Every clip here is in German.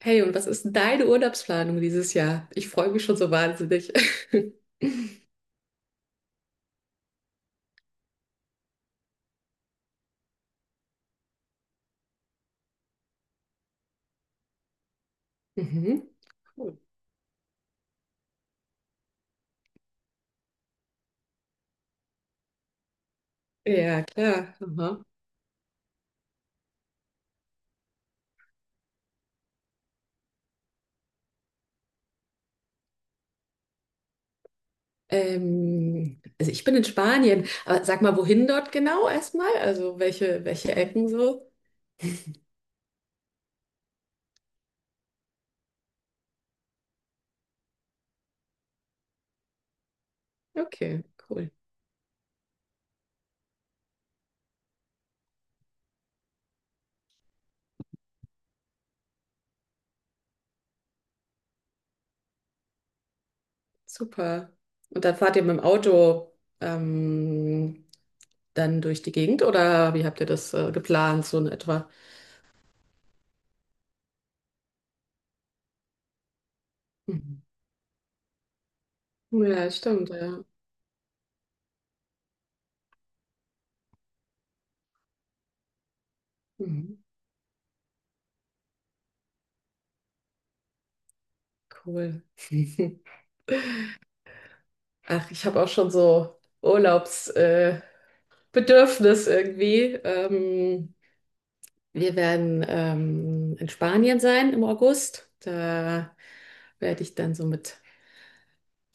Hey, und was ist denn deine Urlaubsplanung dieses Jahr? Ich freue mich schon so wahnsinnig. Mhm. Cool. Ja, klar. Aha. Also ich bin in Spanien, aber sag mal, wohin dort genau erstmal? Also welche Ecken so? Okay, cool. Super. Und dann fahrt ihr mit dem Auto ähm, dann durch die Gegend oder wie habt ihr das geplant, so in etwa? Mhm. Ja, stimmt, ja. Mhm. Cool. Ach, ich habe auch schon so Urlaubsbedürfnis Bedürfnis irgendwie. Wir werden in Spanien sein im August. Da werde ich dann so mit,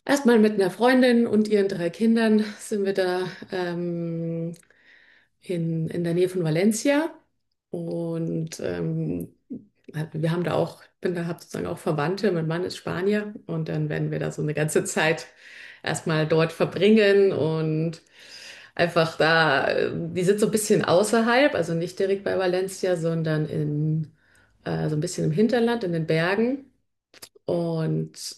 erstmal mit einer Freundin und ihren drei Kindern sind wir da. Ähm, in der Nähe von Valencia. Und halt, wir haben da auch, bin da, habe sozusagen auch Verwandte. Mein Mann ist Spanier und dann werden wir da so eine ganze Zeit erstmal dort verbringen und einfach da, die sind so ein bisschen außerhalb, also nicht direkt bei Valencia, sondern so ein bisschen im Hinterland, in den Bergen. Und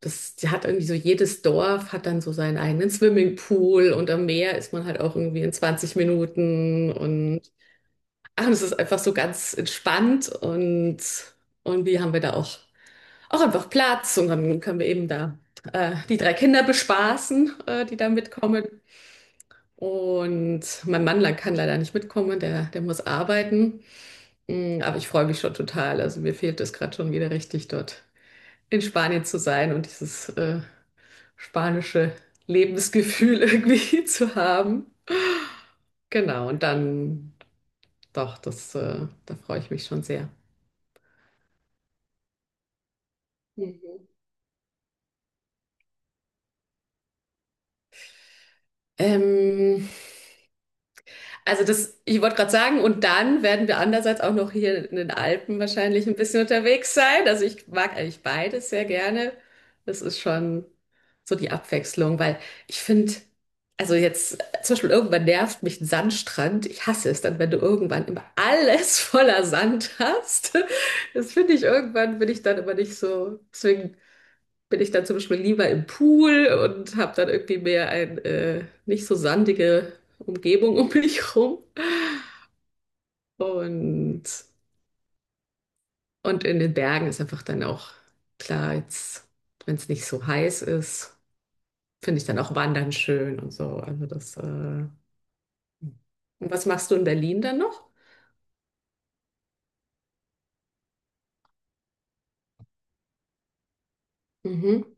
das die hat irgendwie so, jedes Dorf hat dann so seinen eigenen Swimmingpool und am Meer ist man halt auch irgendwie in 20 Minuten und ach, und es ist einfach so ganz entspannt und wir haben wir da auch, auch einfach Platz und dann können wir eben da die drei Kinder bespaßen, die da mitkommen. Und mein Mann kann leider nicht mitkommen, der muss arbeiten. Aber ich freue mich schon total. Also mir fehlt es gerade schon wieder richtig dort in Spanien zu sein und dieses spanische Lebensgefühl irgendwie zu haben. Genau, und dann doch, da freue ich mich schon sehr. Mhm. Ähm, Also ich wollte gerade sagen, und dann werden wir andererseits auch noch hier in den Alpen wahrscheinlich ein bisschen unterwegs sein. Also ich mag eigentlich beides sehr gerne. Das ist schon so die Abwechslung, weil ich finde, also jetzt zum Beispiel irgendwann nervt mich ein Sandstrand. Ich hasse es dann, wenn du irgendwann immer alles voller Sand hast. Das finde ich irgendwann, bin ich dann immer nicht so. Deswegen bin ich dann zum Beispiel lieber im Pool und habe dann irgendwie mehr eine nicht so sandige Umgebung um mich rum. Und, und in den Bergen ist einfach dann auch klar, jetzt, wenn es nicht so heiß ist, finde ich dann auch Wandern schön und so. Also und was machst du in Berlin dann noch? Mhm,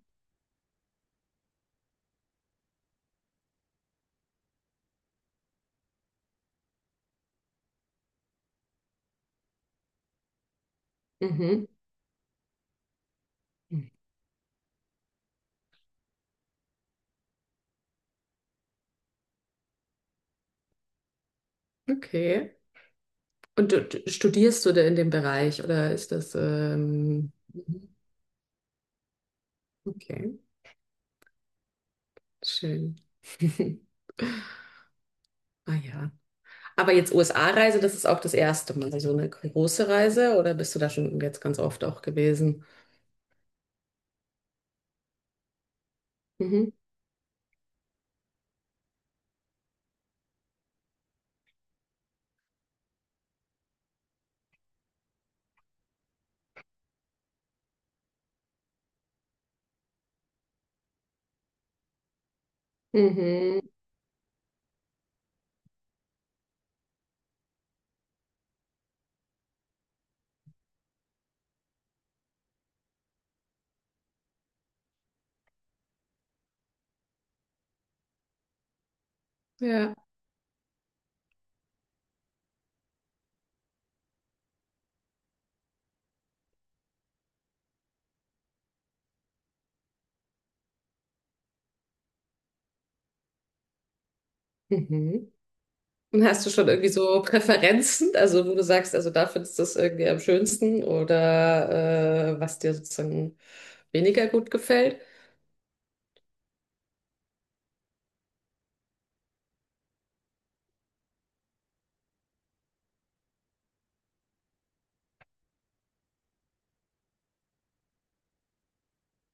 mhm. Okay. Und studierst du da in dem Bereich oder ist das, okay, schön. Ah ja. Aber jetzt USA-Reise, das ist auch das erste Mal, so eine große Reise, oder bist du da schon jetzt ganz oft auch gewesen? Mhm. Mhm. Ja. Mhm. Und hast du schon irgendwie so Präferenzen, also wo du sagst, also da findest du es irgendwie am schönsten oder was dir sozusagen weniger gut gefällt?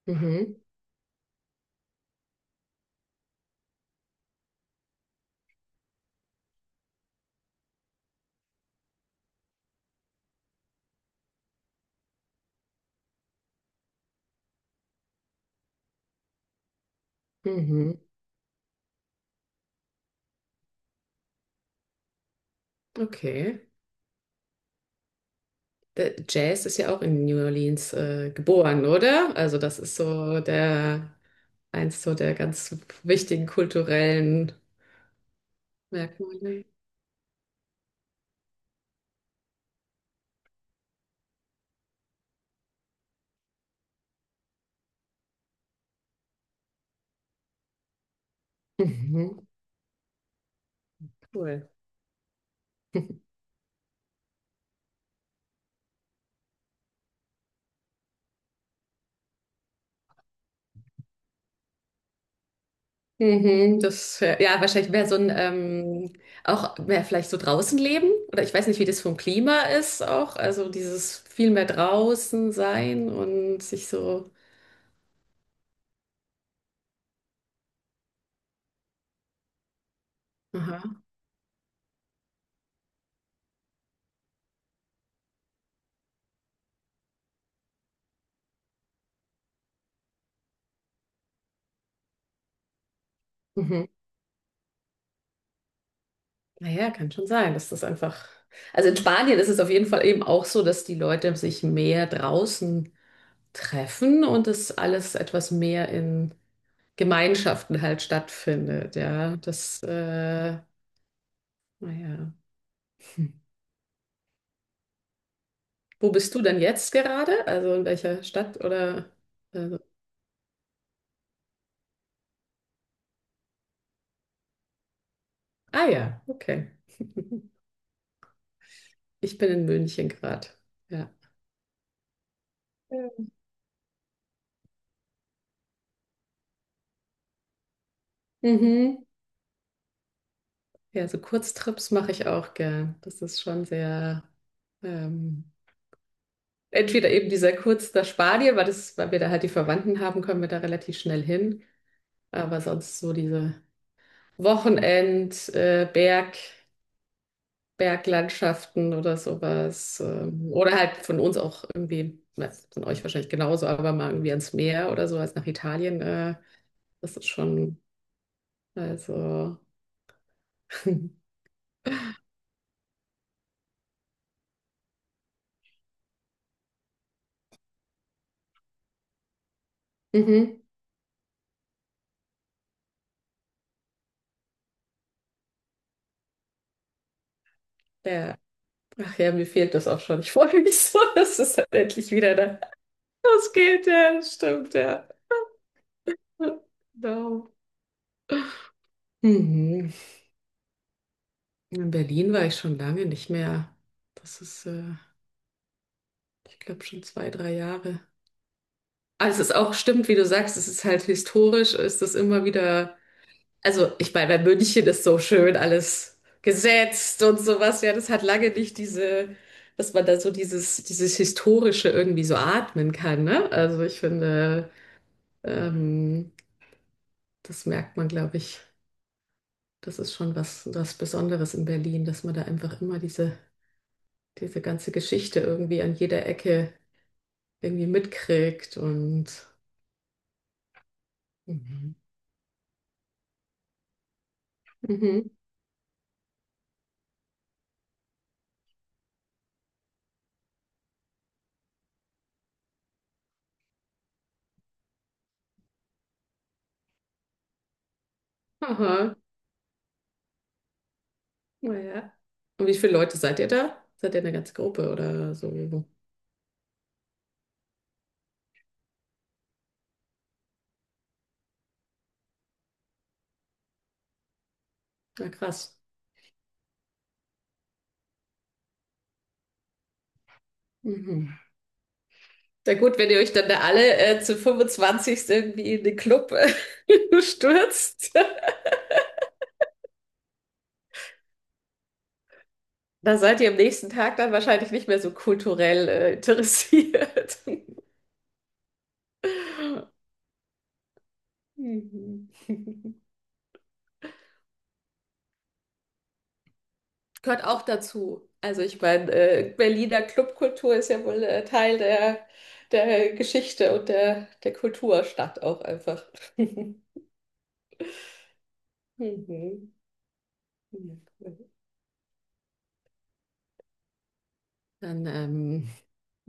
Mhm. Mhm. Okay. Der Jazz ist ja auch in New Orleans geboren, oder? Also das ist so der eins so der ganz wichtigen kulturellen Merkmale. Mhm, cool. Mhm, wahrscheinlich wäre so ein, auch mehr vielleicht so draußen leben. Oder ich weiß nicht, wie das vom Klima ist auch. Also dieses viel mehr draußen sein und sich so. Aha. Mhm. Naja, kann schon sein, dass das einfach. Also in Spanien ist es auf jeden Fall eben auch so, dass die Leute sich mehr draußen treffen und das alles etwas mehr in Gemeinschaften halt stattfindet. Ja, naja. Wo bist du denn jetzt gerade? Also in welcher Stadt oder? Also, ah ja, okay. Ich bin in München gerade. Ja. Schön. Mhm. Ja, so Kurztrips mache ich auch gern. Das ist schon sehr, ähm, entweder eben dieser Kurz nach Spanien, weil wir da halt die Verwandten haben, können wir da relativ schnell hin. Aber sonst so diese Wochenend, Berg. Berglandschaften oder sowas. Oder halt von uns auch irgendwie, na, von euch wahrscheinlich genauso, aber mal irgendwie ans Meer oder sowas nach Italien. Das ist schon, also, mhm, ja. Ach ja, mir fehlt das auch schon. Ich freue mich so, dass es dann endlich wieder da losgeht. Ja, das stimmt, ja. Ja, Genau. Mhm. In Berlin war ich schon lange nicht mehr. Das ist, äh, Ich glaube, schon zwei, drei Jahre. Aber es ist auch, stimmt, wie du sagst, es ist halt historisch, ist es immer wieder, also ich meine, bei München ist so schön alles gesetzt und sowas, ja, das hat lange nicht diese, dass man da so dieses Historische irgendwie so atmen kann, ne? Also ich finde, ähm, das merkt man, glaube ich, das ist schon was, was Besonderes in Berlin, dass man da einfach immer diese ganze Geschichte irgendwie an jeder Ecke irgendwie mitkriegt und Mhm. mhm. Aha. Naja. Und wie viele Leute seid ihr da? Seid ihr eine ganze Gruppe oder so? Na krass. Mhm. Na gut, wenn ihr euch dann da alle zu 25 irgendwie in den Club stürzt, da seid ihr am nächsten Tag dann wahrscheinlich nicht mehr so kulturell interessiert. Mhm. Gehört auch dazu. Also ich meine, Berliner Clubkultur ist ja wohl Teil der, der Geschichte und der Kulturstadt auch einfach. Mhm. Ja, cool. Dann